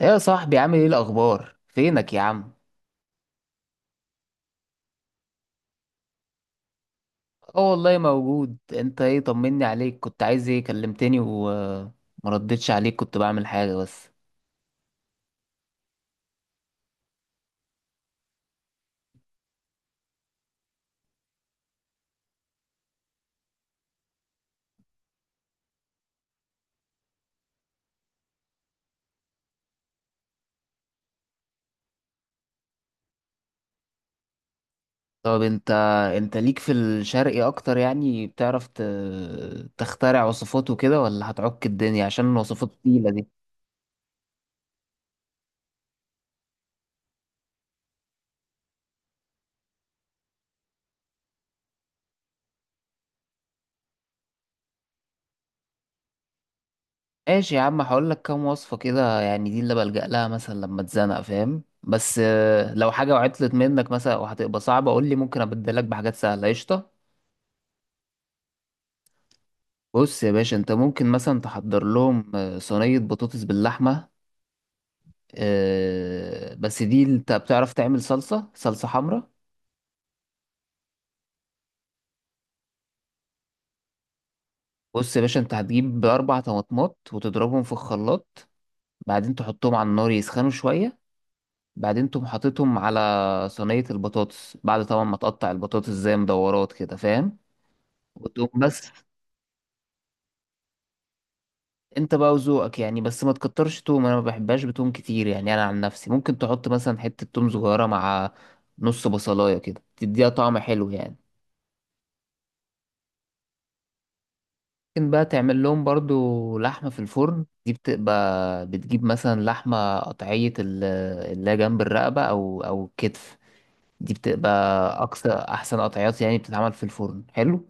ايه يا صاحبي، عامل ايه؟ الاخبار؟ فينك يا عم؟ اه والله موجود. انت ايه، طمني عليك. كنت عايز ايه؟ كلمتني وما ردتش عليك، كنت بعمل حاجة بس. طب انت ليك في الشرقي اكتر يعني، بتعرف تخترع وصفات وكده ولا هتعك الدنيا عشان الوصفات التقيلة دي؟ ماشي يا عم، هقول لك كام وصفة كده يعني، دي اللي بلجأ لها مثلا لما اتزنق، فاهم؟ بس لو حاجة وعطلت منك مثلا وهتبقى صعبة قول لي، ممكن ابدلك بحاجات سهلة. قشطة؟ بص يا باشا، انت ممكن مثلا تحضر لهم صينية بطاطس باللحمة. بس دي انت بتعرف تعمل صلصة حمراء. بص يا باشا، انت هتجيب 4 طماطمات وتضربهم في الخلاط. بعدين تحطهم على النار يسخنوا شوية. بعدين تقوم حاططهم على صينية البطاطس، بعد طبعا ما تقطع البطاطس زي مدورات كده، فاهم؟ وتقوم بس انت بقى وذوقك يعني، بس ما تكترش توم، انا ما بحبهاش بتوم كتير يعني. انا عن نفسي ممكن تحط مثلا حتة توم صغيرة مع نص بصلاية كده تديها طعم حلو يعني. ممكن بقى تعمل لهم برضو لحمة في الفرن. دي بتبقى، بتجيب مثلا لحمة قطعية اللي هي جنب الرقبة او الكتف. دي بتبقى اقصى احسن قطعيات يعني بتتعمل في الفرن حلو.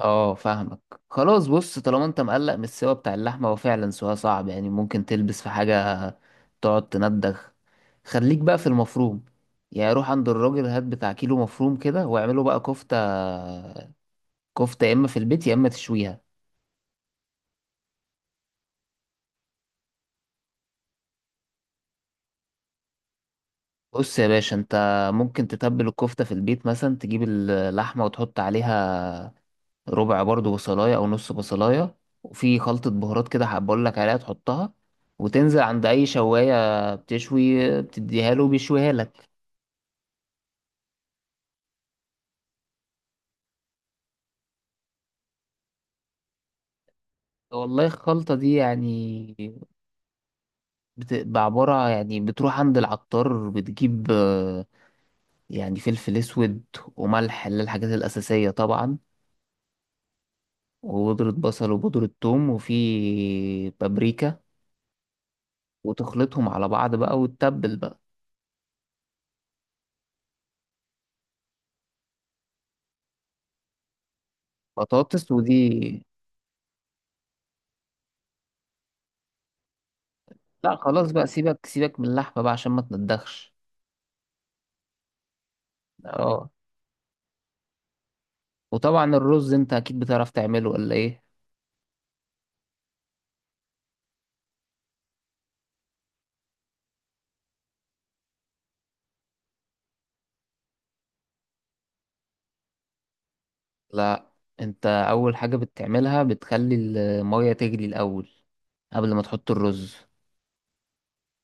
اه، فاهمك. خلاص، بص، طالما انت مقلق من السوا بتاع اللحمة، هو فعلا سوا صعب يعني، ممكن تلبس في حاجة تقعد تندخ. خليك بقى في المفروم، يعني روح عند الراجل هات بتاع كيلو مفروم كده واعمله بقى كفتة. كفتة يا اما في البيت يا اما تشويها. بص يا باشا، انت ممكن تتبل الكفتة في البيت مثلا، تجيب اللحمة وتحط عليها ربع برضو بصلاية أو نص بصلاية، وفي خلطة بهارات كده هبقول لك عليها تحطها، وتنزل عند أي شواية بتشوي بتديها له بيشويها لك. والله الخلطة دي يعني بتبقى عبارة، يعني بتروح عند العطار بتجيب يعني فلفل أسود وملح، اللي هي الحاجات الأساسية طبعا. وبودرة بصل وبودرة ثوم وفي بابريكا. وتخلطهم على بعض بقى وتتبل بقى. بطاطس ودي. لا، خلاص بقى، سيبك سيبك من اللحمة بقى عشان ما تندخش. اه. وطبعا الرز انت اكيد بتعرف تعمله ولا ايه؟ لا، انت اول حاجة بتعملها بتخلي المية تغلي الاول قبل ما تحط الرز.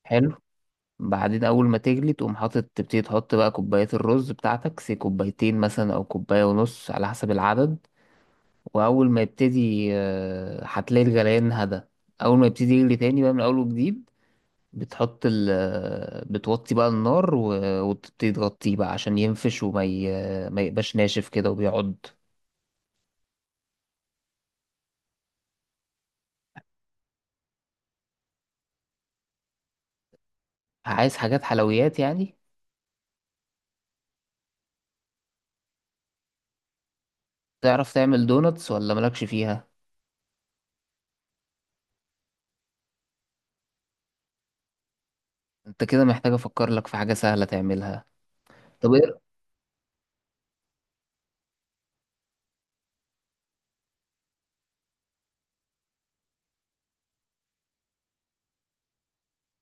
حلو. بعدين اول ما تغلي تقوم حاطط تبتدي تحط بقى كوبايات الرز بتاعتك، سي كوبايتين مثلا او كوباية ونص على حسب العدد. واول ما يبتدي هتلاقي الغليان هدا. اول ما يبتدي يغلي تاني بقى من اول وجديد، بتحط ال بتوطي بقى النار و- وتبتدي تغطيه بقى عشان ينفش ما يبقاش ناشف كده وبيعض. عايز حاجات حلويات يعني؟ تعرف تعمل دوناتس ولا مالكش فيها؟ انت كده محتاج افكر لك في حاجة سهلة تعملها. طب ايه؟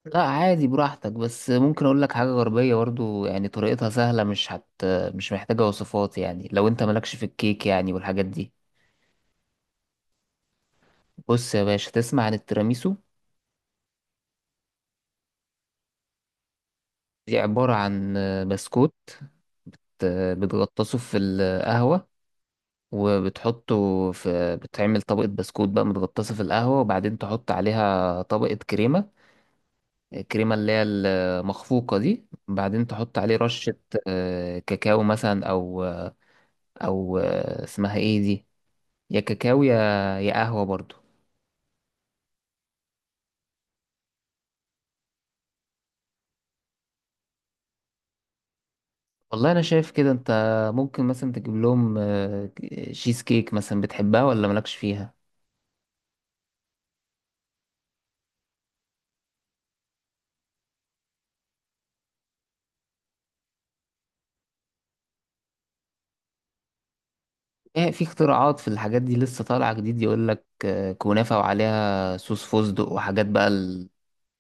لا عادي براحتك، بس ممكن اقول لك حاجة غربية برضو يعني طريقتها سهلة، مش محتاجة وصفات يعني لو انت مالكش في الكيك يعني والحاجات دي. بص يا باشا، تسمع عن التيراميسو؟ دي عبارة عن بسكوت بتغطسه في القهوة، وبتحطه في بتعمل طبقة بسكوت بقى متغطسة في القهوة، وبعدين تحط عليها طبقة كريمة. الكريمة اللي هي المخفوقة دي، بعدين تحط عليه رشة كاكاو مثلا، أو اسمها ايه دي، يا كاكاو يا قهوة برضو. والله أنا شايف كده، أنت ممكن مثلا تجيب لهم شيز كيك مثلا، بتحبها ولا مالكش فيها؟ ايه، في اختراعات في الحاجات دي لسه طالعة جديد، يقولك كنافة وعليها صوص فستق وحاجات بقى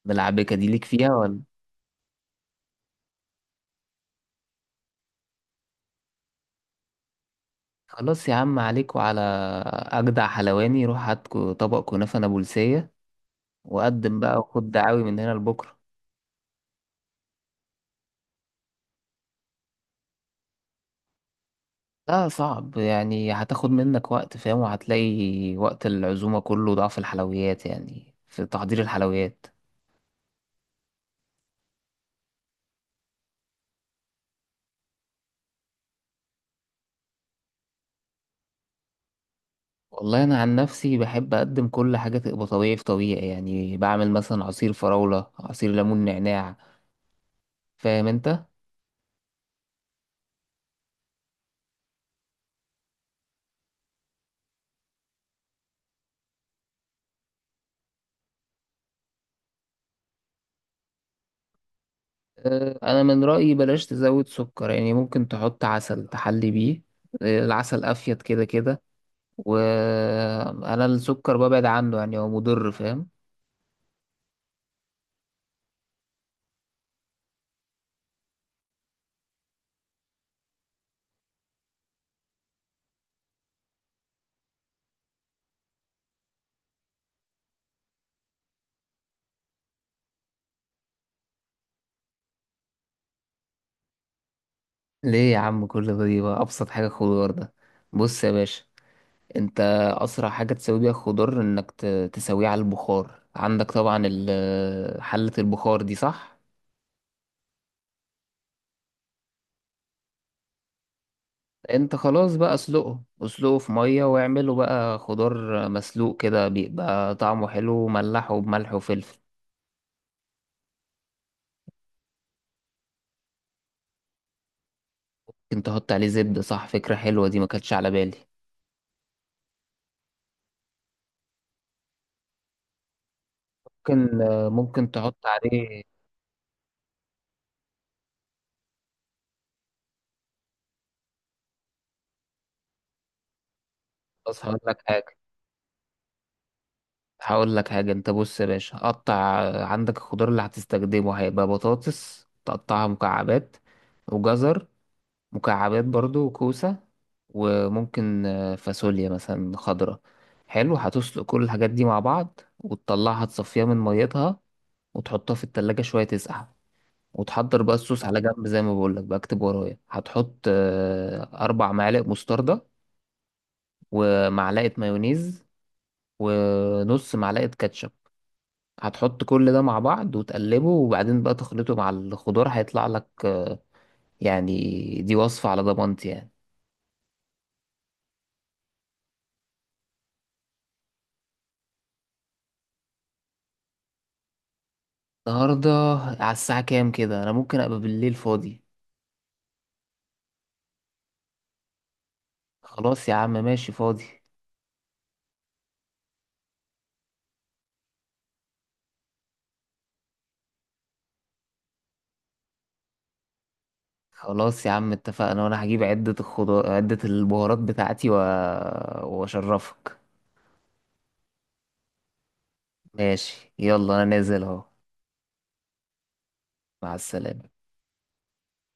ملعبكة، دي ليك فيها ولا؟ خلاص يا عم، عليك وعلى أجدع حلواني. روح هات طبق كنافة نابلسية وقدم بقى وخد دعاوي من هنا لبكرة. لا صعب يعني، هتاخد منك وقت، فاهم؟ وهتلاقي وقت العزومة كله ضعف الحلويات يعني في تحضير الحلويات. والله أنا عن نفسي بحب أقدم كل حاجة تبقى طبيعي في طبيعي يعني، بعمل مثلا عصير فراولة، عصير ليمون نعناع، فاهم أنت؟ انا من رايي بلاش تزود سكر يعني، ممكن تحط عسل تحلي بيه. العسل افيد كده كده. وانا السكر ببعد عنه يعني، هو مضر، فاهم؟ ليه يا عم كل ده؟ دي بقى ابسط حاجه، خضار ده. بص يا باشا، انت اسرع حاجه تسوي بيها الخضار انك تسويه على البخار. عندك طبعا حله البخار دي، صح؟ انت خلاص بقى، اسلقه اسلقه في ميه واعمله بقى خضار مسلوق كده، بيبقى طعمه حلو وملحه بملح وفلفل. ممكن تحط عليه زبدة، صح، فكرة حلوة دي ما كانتش على بالي. ممكن تحط عليه. بص، هقول لك حاجة. انت بص يا باشا، قطع آه، عندك الخضار اللي هتستخدمه هيبقى بطاطس تقطعها مكعبات. وجزر مكعبات برضو وكوسة. وممكن فاصوليا مثلا خضرة. حلو، هتسلق كل الحاجات دي مع بعض وتطلعها تصفيها من ميتها. وتحطها في التلاجة شوية تسقع. وتحضر بقى الصوص على جنب، زي ما بقول لك بقى، اكتب ورايا، هتحط 4 معالق مستردة. ومعلقة مايونيز. ونص معلقة كاتشب. هتحط كل ده مع بعض وتقلبه، وبعدين بقى تخلطه مع الخضار هيطلع لك يعني، دي وصفة على ضمانتي يعني. النهاردة؟ على الساعة كام كده؟ انا ممكن ابقى بالليل فاضي. خلاص يا عم، ماشي، فاضي. خلاص يا عم اتفقنا، وانا هجيب عدة الخضار عدة البهارات بتاعتي واشرفك. ماشي، يلا انا نازل اهو. مع السلامة.